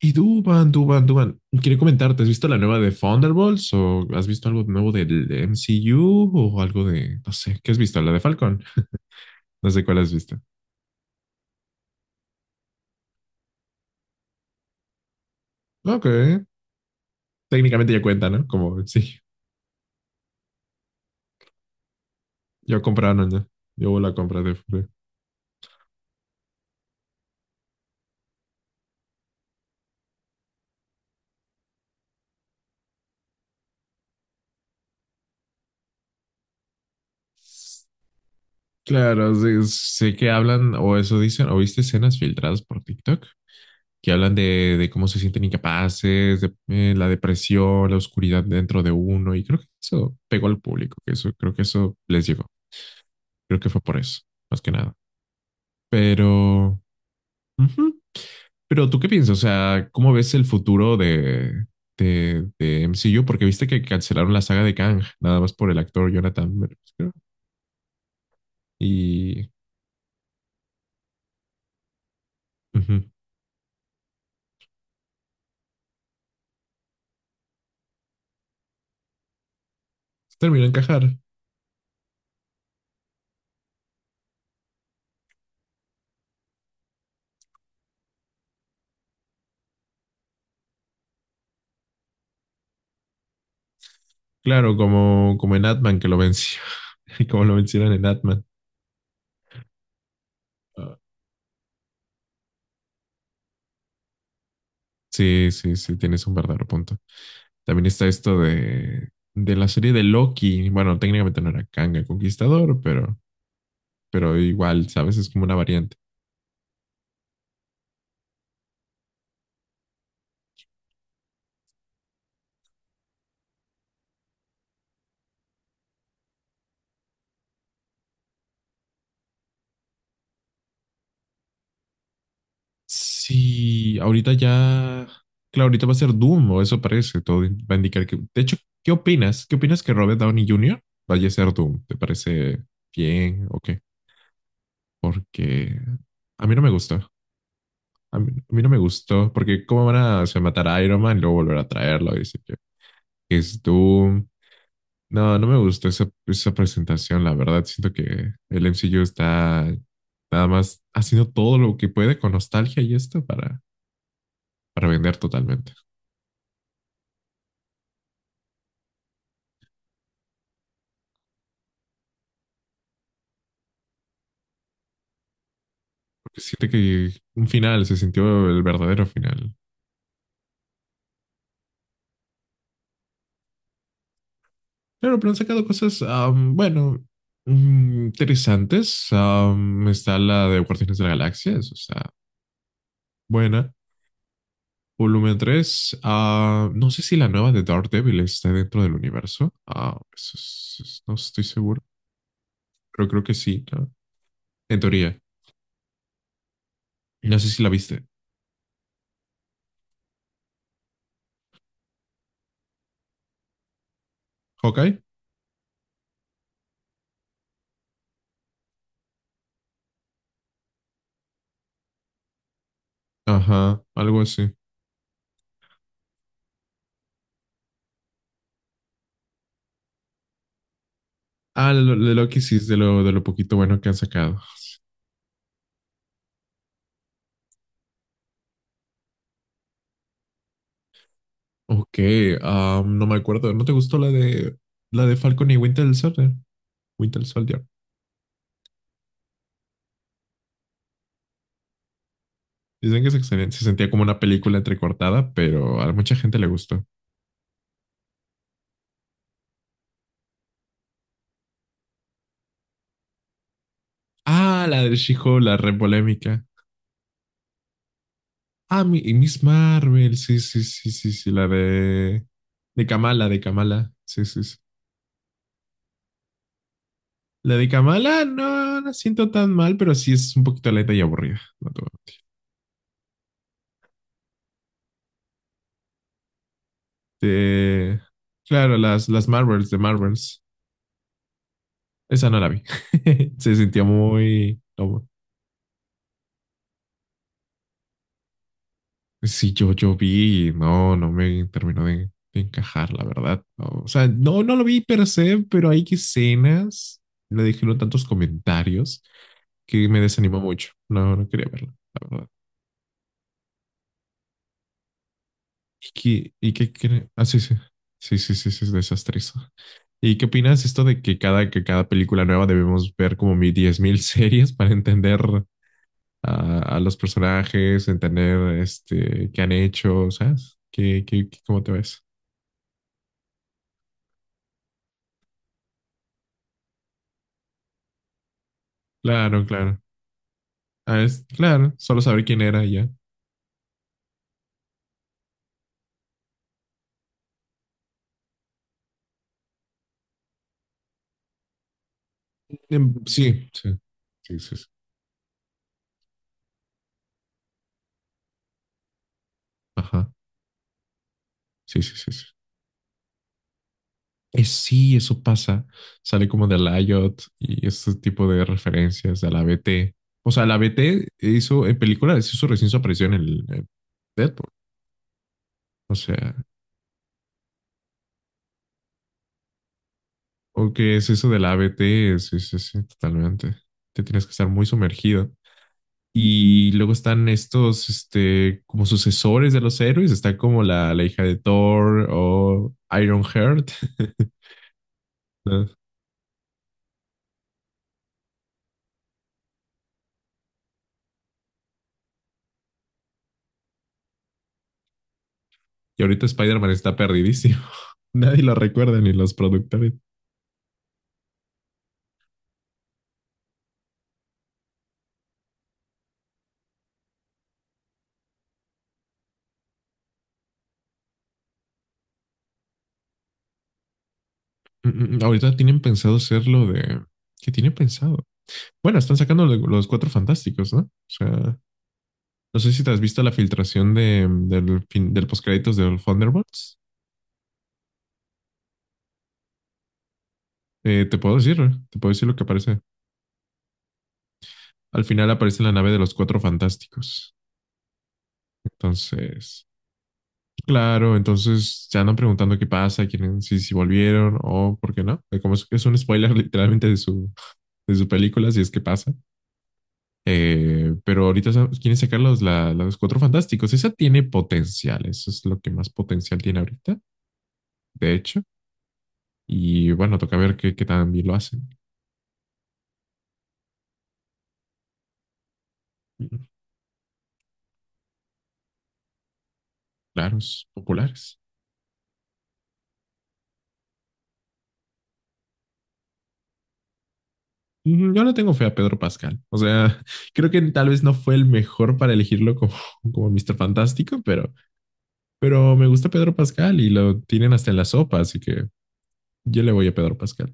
Y Duban, Duban, Duban, quería comentarte, ¿has visto la nueva de Thunderbolts o has visto algo nuevo del MCU o algo de, no sé, qué has visto? La de Falcon, no sé cuál has visto. Ok, técnicamente ya cuenta, ¿no? Como, sí, yo compraron ya, yo la compra de... Claro, sí, sé que hablan o eso dicen, o viste escenas filtradas por TikTok que hablan de cómo se sienten incapaces, de la depresión, la oscuridad dentro de uno y creo que eso pegó al público, que eso creo que eso les llegó. Creo que fue por eso, más que nada. Pero, ujú. Pero ¿tú qué piensas? O sea, ¿cómo ves el futuro de MCU? Porque viste que cancelaron la saga de Kang, nada más por el actor Jonathan Majors, creo. Y ujú. Terminó de encajar. Claro, como, como en Atman que lo venció, y como lo vencieron en Atman. Ah, sí, sí, sí, tienes un verdadero punto. También está esto de la serie de Loki. Bueno, técnicamente no era Kang el Conquistador, pero igual, ¿sabes? Es como una variante. Sí, ahorita ya, claro, ahorita va a ser Doom, o eso parece, todo va a indicar que, de hecho, ¿qué opinas? ¿Qué opinas que Robert Downey Jr. vaya a ser Doom? ¿Te parece bien o qué? Porque a mí no me gusta, a mí no me gustó, porque cómo van a, se matar a Iron Man y luego volver a traerlo, dice que es Doom. No, no me gustó esa presentación, la verdad, siento que el MCU está nada más haciendo todo lo que puede con nostalgia y esto para vender totalmente. Que siente que un final se sintió el verdadero final. Claro, pero han sacado cosas, bueno, interesantes. Está la de Guardianes de la Galaxia, eso está buena. Volumen 3. Ah, no sé si la nueva de Daredevil está dentro del universo. Ah, no estoy seguro, pero creo que sí, ¿no? En teoría. No sé si la viste. ¿Hawkeye? Ajá, algo así. Ah, lo de Loki sí es de lo poquito bueno que han sacado. Ok, ah, no me acuerdo. ¿No te gustó la de Falcon y Winter Soldier? Winter Soldier. Dicen que es excelente. Se sentía como una película entrecortada, pero a mucha gente le gustó. Ah, la de She-Hulk, la re polémica. Ah, mi- y Miss Marvel. Sí, sí, sí, sí, sí. La de Kamala, de Kamala. Sí, sí, sí. La de Kamala no la siento tan mal, pero sí es un poquito lenta y aburrida. No te voy a... De... Claro, las Marvels, de Marvels. Esa no la vi. Se sentía muy... no, sí, yo vi y no me terminó de encajar, la verdad. No, o sea, no lo vi per se, pero hay escenas, le dijeron tantos comentarios que me desanimó mucho. No, no quería verla, la verdad. ¿Y qué? Ah, sí, sí. Sí, sí, sí, sí, es desastroso. ¿Y qué opinas esto de que que cada película nueva debemos ver como 10.000 series para entender a los personajes, entender este, qué han hecho, ¿sabes? ¿ Cómo te ves? Claro, claro. Ah, es, claro, solo saber quién era y ya. Sí, sí, sí, sí, sí. Ajá, sí, sí, sí, sí. Es, sí, eso pasa. Sale como de la IOT y este tipo de referencias de la BT. O sea, la BT hizo en películas, hizo recién su aparición en, en Deadpool. O sea, o que es eso de la ABT, sí, sí, sí, totalmente. Te tienes que estar muy sumergido. Y luego están estos, este, como sucesores de los héroes. Está como la hija de Thor o Ironheart. ¿No? Y ahorita Spider-Man está perdidísimo. Nadie lo recuerda ni los productores. Mm, mm, mm. Ahorita tienen pensado hacer lo de... ¿Qué tienen pensado? Bueno, están sacando los cuatro fantásticos, ¿no? O sea, no sé si te has visto la filtración del postcréditos de los Thunderbolts. Eh, te puedo decir, te puedo decir lo que aparece. Al final aparece la nave de los cuatro fantásticos. Entonces... Claro, entonces se andan preguntando qué pasa, quieren, si volvieron o por qué no. Como es un spoiler literalmente de su película, si es que pasa. Pero ahorita quieren sacar los Cuatro Fantásticos. Esa tiene potencial, eso es lo que más potencial tiene ahorita, de hecho. Y bueno, toca ver qué tan bien lo hacen. Claros, populares. Mm. Yo no tengo fe a Pedro Pascal. O sea, creo que tal vez no fue el mejor para elegirlo como, como Mr. Fantástico, pero me gusta Pedro Pascal y lo tienen hasta en la sopa, así que yo le voy a Pedro Pascal.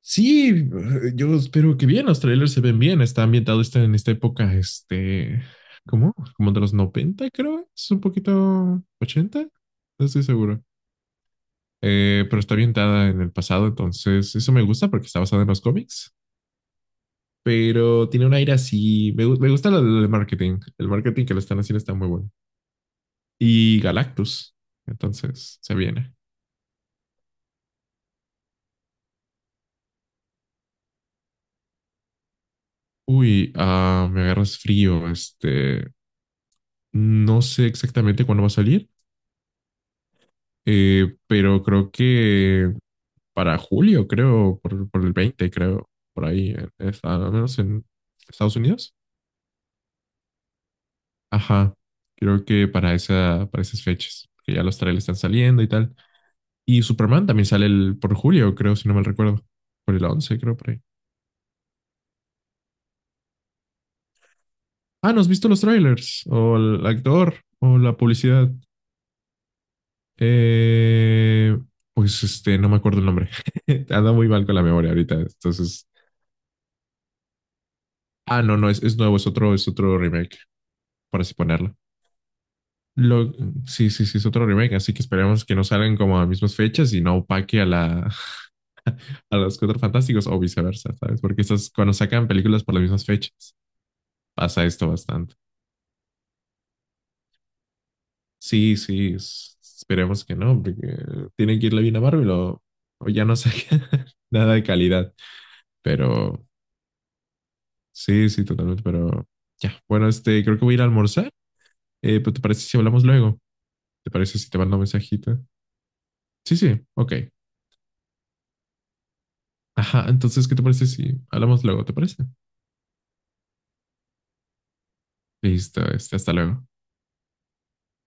Sí, yo espero que bien, los trailers se ven bien, está ambientado está en esta época, este, ¿cómo? Como de los 90 creo, es un poquito ochenta, no estoy seguro. Pero está ambientada en el pasado, entonces eso me gusta porque está basada en los cómics, pero tiene un aire así, me gusta lo del marketing, el marketing que le están haciendo está muy bueno. Y Galactus, entonces se viene. Uy, ah, me agarras frío. Este, no sé exactamente cuándo va a salir, pero creo que para julio, creo, por el 20, creo, por ahí, al menos en Estados Unidos. Ajá, creo que para esa, para esas fechas, que ya los trailers están saliendo y tal. Y Superman también sale por julio, creo, si no mal recuerdo, por el 11, creo, por ahí. Ah, ¿no has visto los trailers? O el actor, o la publicidad. Eh, pues este, no me acuerdo el nombre. Anda muy mal con la memoria ahorita. Entonces, ah, no, es nuevo, es otro remake, por así ponerlo. Lo, sí, sí, sí, es otro remake, así que esperemos que no salgan como a mismas fechas y no opaque a la, a los Cuatro Fantásticos o viceversa, ¿sabes? Porque estas, cuando sacan películas por las mismas fechas, pasa esto bastante. Sí, sí, esperemos que no, porque tienen que irle bien a Marvel o ya no sacan nada de calidad, pero sí, sí, totalmente, pero ya. Bueno, este, creo que voy a ir a almorzar. Pero ¿te parece si hablamos luego? ¿Te parece si te mando un mensajito? Sí, sí, ok. Ajá, entonces, ¿qué te parece si hablamos luego? ¿Te parece? Listo, este, hasta luego.